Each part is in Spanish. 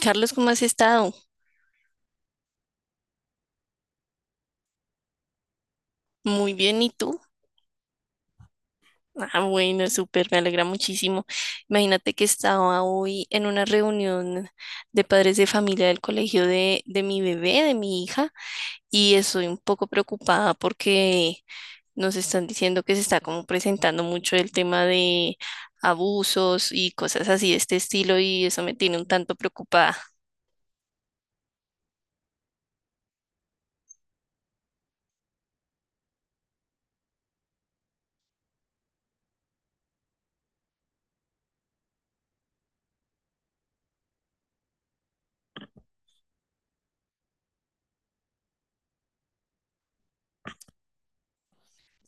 Carlos, ¿cómo has estado? Muy bien, ¿y tú? Ah, bueno, súper, me alegra muchísimo. Imagínate que estaba hoy en una reunión de padres de familia del colegio de mi bebé, de mi hija, y estoy un poco preocupada porque nos están diciendo que se está como presentando mucho el tema de abusos y cosas así de este estilo, y eso me tiene un tanto preocupada.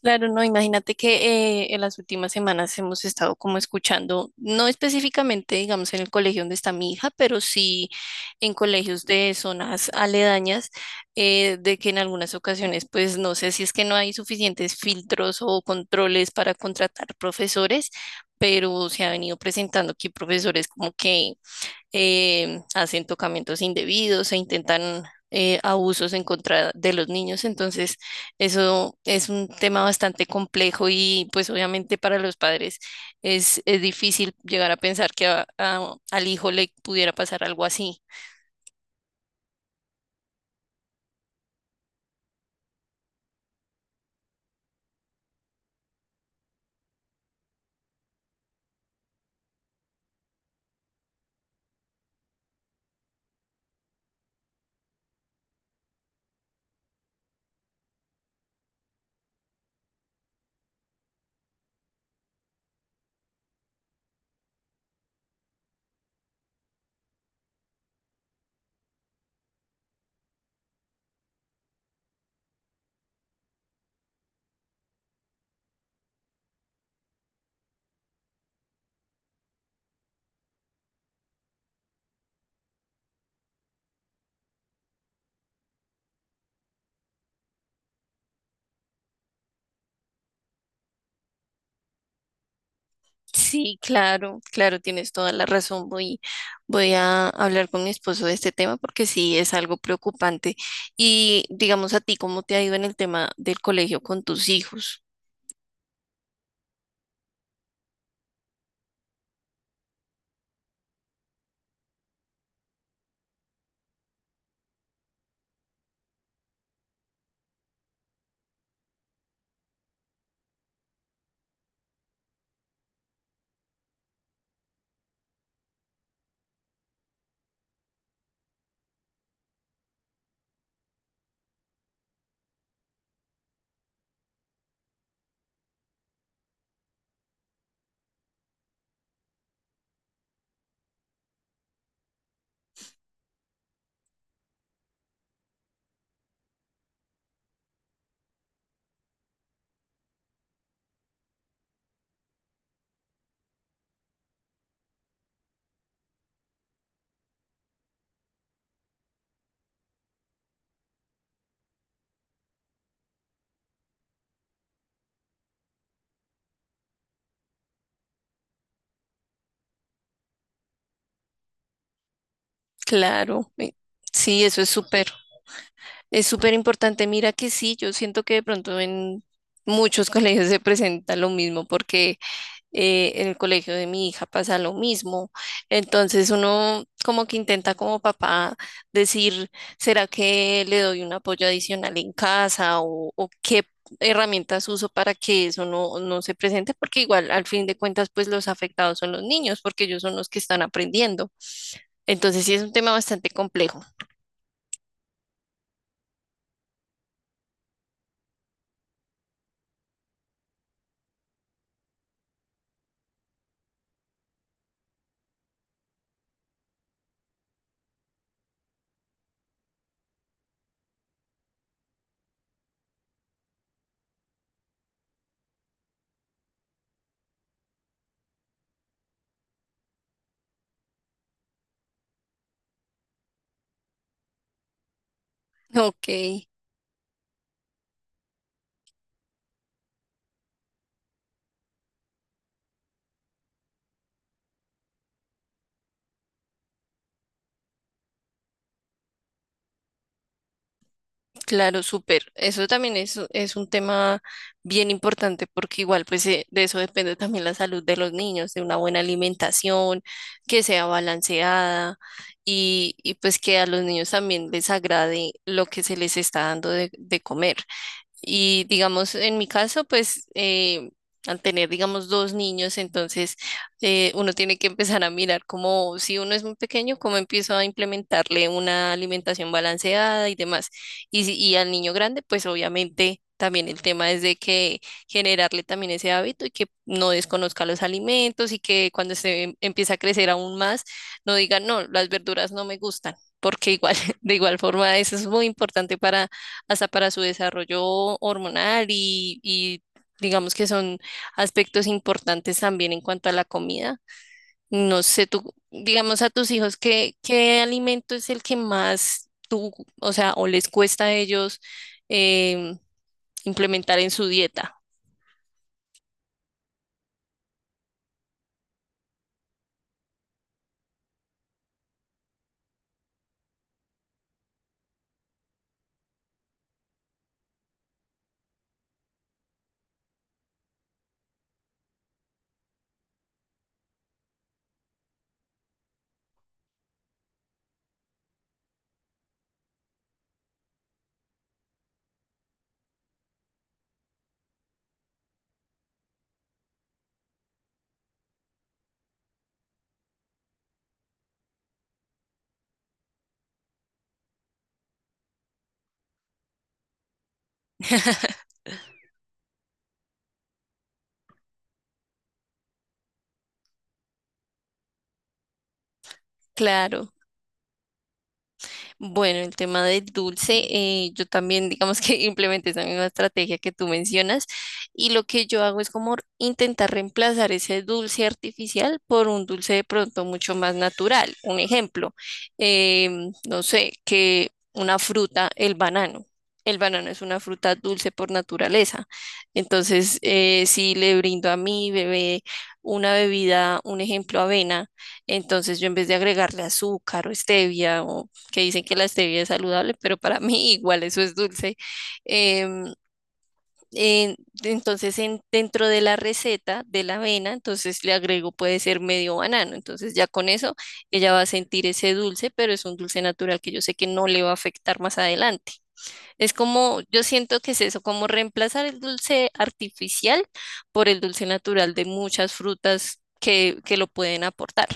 Claro, no, imagínate que en las últimas semanas hemos estado como escuchando, no específicamente, digamos, en el colegio donde está mi hija, pero sí en colegios de zonas aledañas, de que en algunas ocasiones, pues no sé si es que no hay suficientes filtros o controles para contratar profesores, pero se ha venido presentando aquí profesores como que hacen tocamientos indebidos e intentan abusos en contra de los niños. Entonces, eso es un tema bastante complejo y pues obviamente para los padres es difícil llegar a pensar que al hijo le pudiera pasar algo así. Sí, claro, claro, tienes toda la razón. Voy a hablar con mi esposo de este tema porque sí es algo preocupante. Y digamos a ti, ¿cómo te ha ido en el tema del colegio con tus hijos? Claro, sí, eso es súper importante. Mira que sí, yo siento que de pronto en muchos colegios se presenta lo mismo porque en el colegio de mi hija pasa lo mismo. Entonces uno como que intenta como papá decir, ¿será que le doy un apoyo adicional en casa o qué herramientas uso para que eso no se presente? Porque igual al fin de cuentas pues los afectados son los niños porque ellos son los que están aprendiendo. Entonces sí es un tema bastante complejo. Ok. Claro, súper. Eso también es un tema bien importante porque igual pues de eso depende también la salud de los niños, de una buena alimentación, que sea balanceada y pues que a los niños también les agrade lo que se les está dando de comer. Y digamos, en mi caso, pues al tener, digamos, dos niños, entonces uno tiene que empezar a mirar cómo, si uno es muy pequeño, cómo empiezo a implementarle una alimentación balanceada y demás. Y, si- y al niño grande, pues obviamente también el tema es de que generarle también ese hábito y que no desconozca los alimentos y que cuando se empieza a crecer aún más, no diga, no, las verduras no me gustan, porque igual, de igual forma, eso es muy importante para hasta para su desarrollo hormonal y digamos que son aspectos importantes también en cuanto a la comida. No sé, tú, digamos a tus hijos, ¿qué alimento es el que más tú, o sea, o les cuesta a ellos em, implementar en su dieta? Claro. Bueno, el tema del dulce, yo también digamos que implementé esa misma estrategia que tú mencionas y lo que yo hago es como intentar reemplazar ese dulce artificial por un dulce de pronto mucho más natural. Un ejemplo, no sé, que una fruta, el banano. El banano es una fruta dulce por naturaleza. Entonces, si le brindo a mi bebé una bebida, un ejemplo, avena, entonces yo en vez de agregarle azúcar o stevia o que dicen que la stevia es saludable, pero para mí igual eso es dulce. Em, en- entonces, dentro de la receta de la avena, entonces le agrego puede ser medio banano. Entonces ya con eso ella va a sentir ese dulce, pero es un dulce natural que yo sé que no le va a afectar más adelante. Es como, yo siento que es eso, como reemplazar el dulce artificial por el dulce natural de muchas frutas que lo pueden aportar.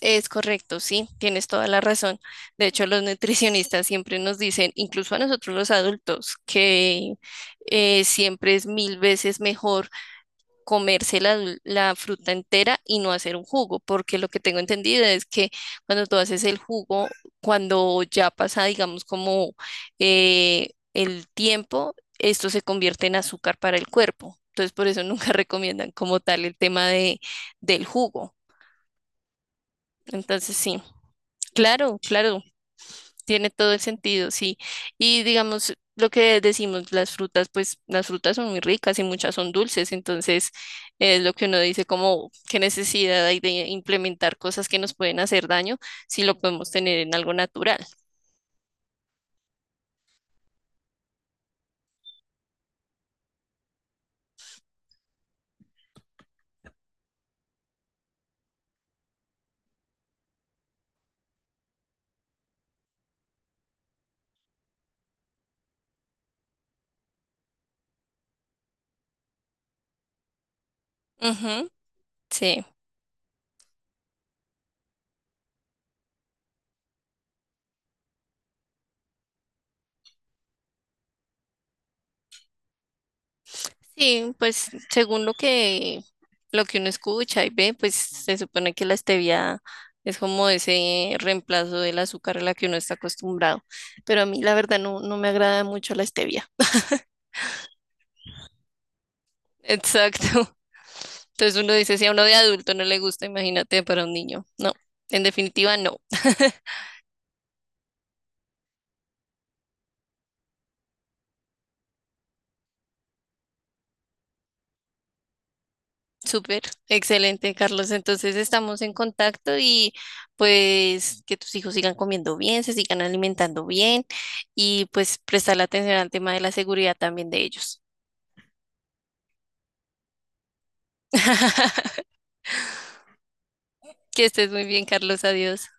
Es correcto, sí, tienes toda la razón. De hecho, los nutricionistas siempre nos dicen, incluso a nosotros los adultos, que siempre es mil veces mejor comerse la fruta entera y no hacer un jugo, porque lo que tengo entendido es que cuando tú haces el jugo, cuando ya pasa, digamos, como el tiempo, esto se convierte en azúcar para el cuerpo. Entonces, por eso nunca recomiendan como tal el tema del jugo. Entonces, sí. Claro, claro, tiene todo el sentido, sí. Y digamos, lo que decimos, las frutas, pues las frutas son muy ricas y muchas son dulces, entonces es lo que uno dice como qué necesidad hay de implementar cosas que nos pueden hacer daño si lo podemos tener en algo natural. Ujú, sí. Sí, pues según lo que uno escucha y ve, pues se supone que la stevia es como ese reemplazo del azúcar a la que uno está acostumbrado, pero a mí la verdad no me agrada mucho la stevia. Exacto. Entonces uno dice, si a uno de adulto no le gusta, imagínate para un niño. No, en definitiva no. Súper, excelente, Carlos. Entonces estamos en contacto y pues que tus hijos sigan comiendo bien, se sigan alimentando bien y pues prestar la atención al tema de la seguridad también de ellos. Que estés muy bien, Carlos. Adiós.